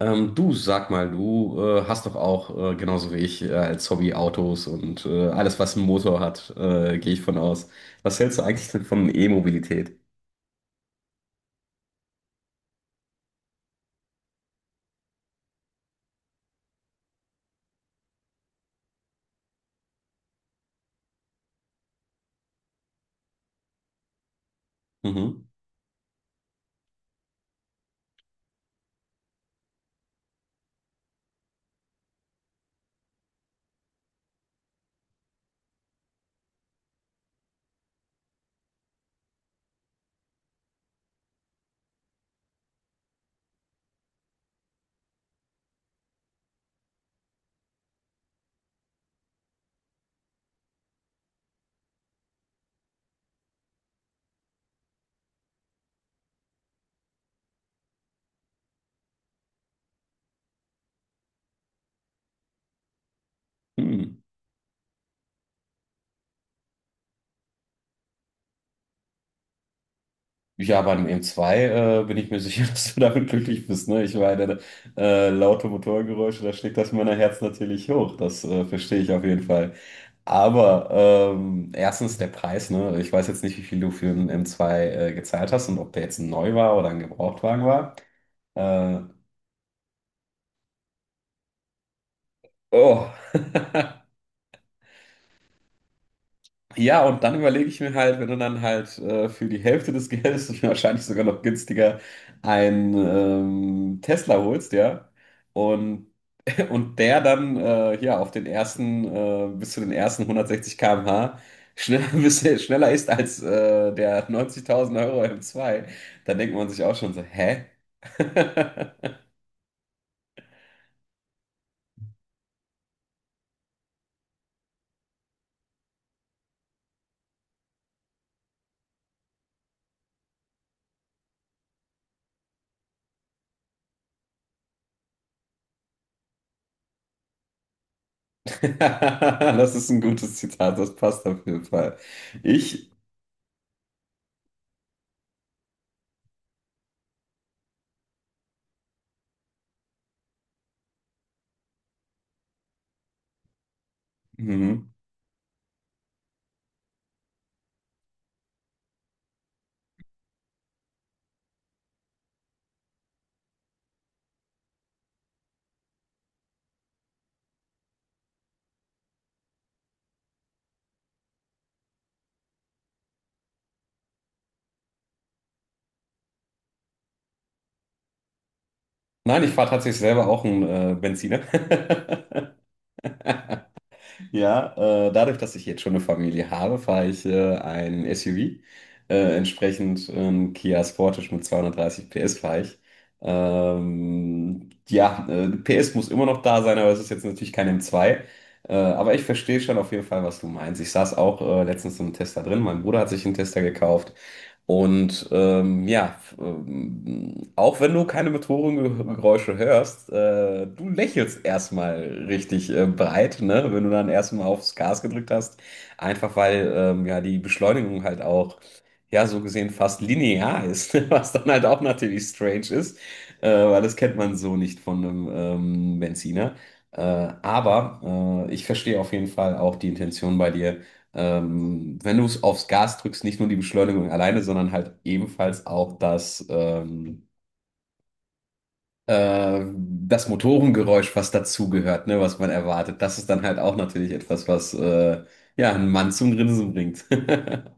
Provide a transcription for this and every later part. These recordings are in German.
Du sag mal, du hast doch auch, genauso wie ich, als Hobby Autos und alles, was einen Motor hat, gehe ich von aus. Was hältst du eigentlich denn von E-Mobilität? Mhm. Hm. Ja, bei einem M2 bin ich mir sicher, dass du damit glücklich bist. Ne? Ich meine, laute Motorgeräusche, da schlägt das Männerherz natürlich hoch. Das verstehe ich auf jeden Fall. Aber erstens der Preis. Ne? Ich weiß jetzt nicht, wie viel du für einen M2 gezahlt hast und ob der jetzt neu war oder ein Gebrauchtwagen war. Äh, oh. Ja, und dann überlege ich mir halt, wenn du dann halt für die Hälfte des Geldes und wahrscheinlich sogar noch günstiger einen Tesla holst, ja. Und Und der dann hier auf den ersten, bis zu den ersten 160 km/h schneller, bis er schneller ist als der 90.000 Euro M2, dann denkt man sich auch schon so, hä? Das ist ein gutes Zitat, das passt auf jeden Fall. Ich, mhm. Nein, ich fahre tatsächlich selber auch einen Benziner. Ja, dadurch, dass ich jetzt schon eine Familie habe, fahre ich ein SUV. Entsprechend Kia Sportage mit 230 PS fahre ich. Ja, PS muss immer noch da sein, aber es ist jetzt natürlich kein M2. Aber ich verstehe schon auf jeden Fall, was du meinst. Ich saß auch letztens im Tester drin. Mein Bruder hat sich einen Tester gekauft. Und ja, auch wenn du keine Motorengeräusche hörst, du lächelst erstmal richtig breit, ne? Wenn du dann erstmal aufs Gas gedrückt hast. Einfach weil ja die Beschleunigung halt auch, ja, so gesehen fast linear ist, was dann halt auch natürlich strange ist, weil das kennt man so nicht von einem Benziner. Äh, aber ich verstehe auf jeden Fall auch die Intention bei dir, wenn du es aufs Gas drückst, nicht nur die Beschleunigung alleine, sondern halt ebenfalls auch das Motorengeräusch, was dazugehört, ne, was man erwartet. Das ist dann halt auch natürlich etwas, was ja, einen Mann zum Grinsen bringt.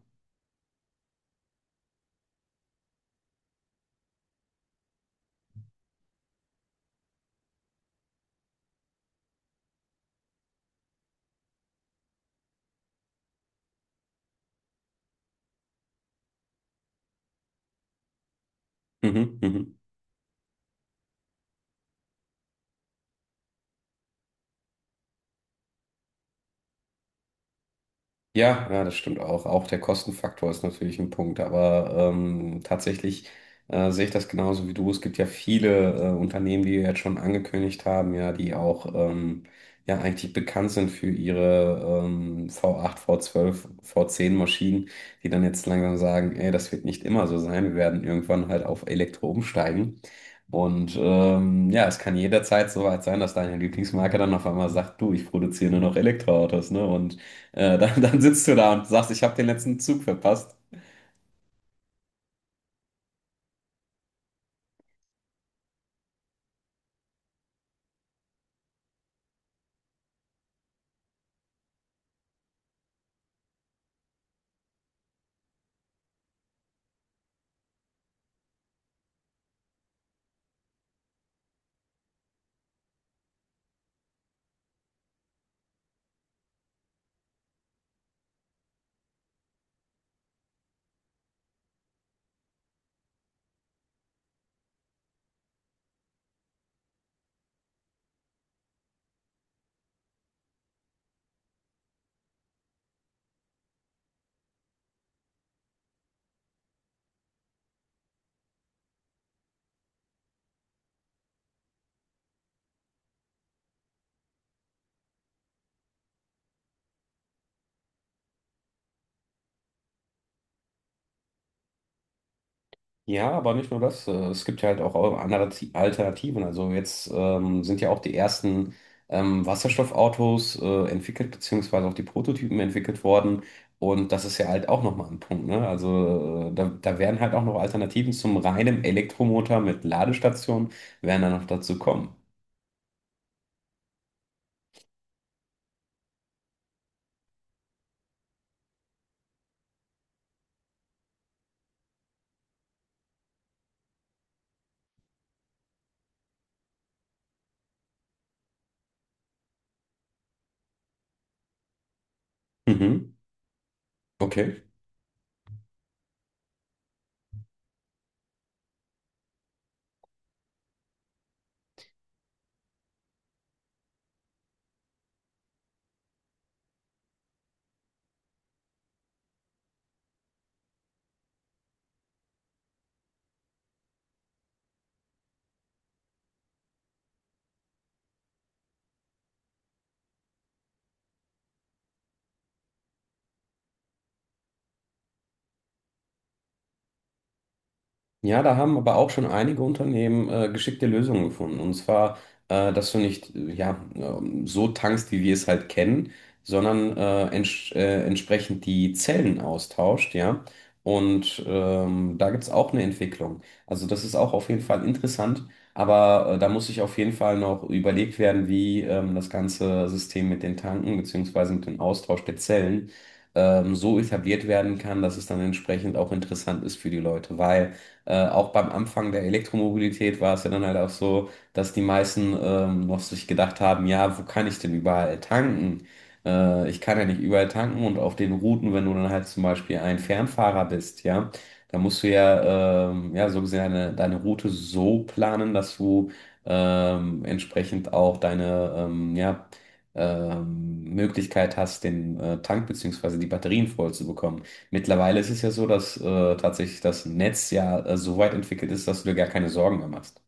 Mhm, mhm. Ja, ja, das stimmt auch. Auch der Kostenfaktor ist natürlich ein Punkt, aber tatsächlich sehe ich das genauso wie du. Es gibt ja viele Unternehmen, die jetzt schon angekündigt haben, ja, die auch ja eigentlich bekannt sind für ihre V8, V12, V10 Maschinen, die dann jetzt langsam sagen, ey, das wird nicht immer so sein. Wir werden irgendwann halt auf Elektro umsteigen. Und ja, es kann jederzeit so weit sein, dass deine Lieblingsmarke dann auf einmal sagt, du, ich produziere nur noch Elektroautos, ne? Und dann sitzt du da und sagst, ich habe den letzten Zug verpasst. Ja, aber nicht nur das. Es gibt ja halt auch andere Alternativen. Also jetzt sind ja auch die ersten Wasserstoffautos entwickelt, beziehungsweise auch die Prototypen entwickelt worden. Und das ist ja halt auch nochmal ein Punkt, ne? Also da werden halt auch noch Alternativen zum reinen Elektromotor mit Ladestation, werden dann noch dazu kommen. Mhm. Okay. Ja, da haben aber auch schon einige Unternehmen geschickte Lösungen gefunden. Und zwar, dass du nicht ja, so tankst, wie wir es halt kennen, sondern entsch entsprechend die Zellen austauscht, ja. Und da gibt es auch eine Entwicklung. Also das ist auch auf jeden Fall interessant, aber da muss sich auf jeden Fall noch überlegt werden, wie das ganze System mit den Tanken beziehungsweise mit dem Austausch der Zellen so etabliert werden kann, dass es dann entsprechend auch interessant ist für die Leute, weil auch beim Anfang der Elektromobilität war es ja dann halt auch so, dass die meisten noch sich gedacht haben, ja, wo kann ich denn überall tanken? Ich kann ja nicht überall tanken und auf den Routen, wenn du dann halt zum Beispiel ein Fernfahrer bist, ja, da musst du ja, ja, so gesehen deine Route so planen, dass du entsprechend auch deine, Möglichkeit hast, den Tank beziehungsweise die Batterien voll zu bekommen. Mittlerweile ist es ja so, dass tatsächlich das Netz ja so weit entwickelt ist, dass du dir gar keine Sorgen mehr machst.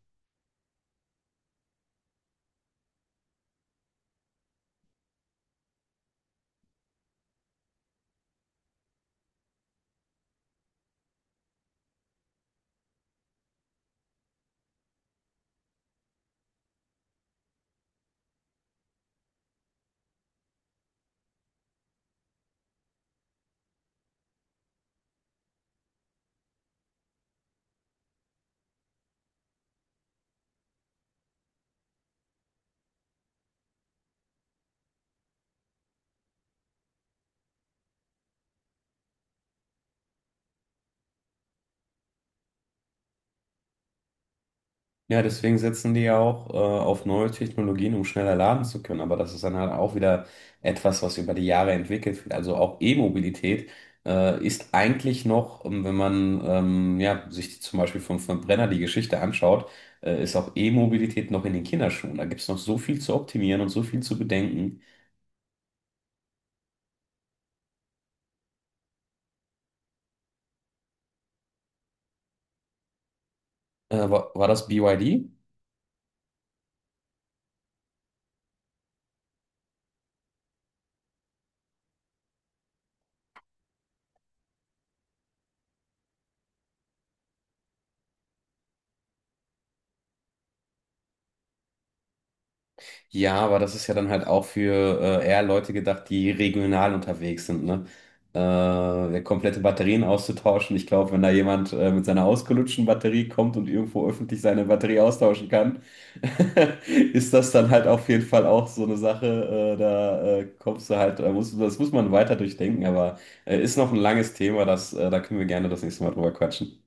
Ja, deswegen setzen die ja auch auf neue Technologien, um schneller laden zu können. Aber das ist dann halt auch wieder etwas, was über die Jahre entwickelt wird. Also auch E-Mobilität ist eigentlich noch, wenn man ja, sich zum Beispiel vom Verbrenner die Geschichte anschaut, ist auch E-Mobilität noch in den Kinderschuhen. Da gibt es noch so viel zu optimieren und so viel zu bedenken. War das BYD? Ja, aber das ist ja dann halt auch für eher Leute gedacht, die regional unterwegs sind, ne? Ja, komplette Batterien auszutauschen. Ich glaube, wenn da jemand mit seiner ausgelutschten Batterie kommt und irgendwo öffentlich seine Batterie austauschen kann, ist das dann halt auf jeden Fall auch so eine Sache. Da kommst du halt, das muss man weiter durchdenken, aber ist noch ein langes Thema, das, da können wir gerne das nächste Mal drüber quatschen.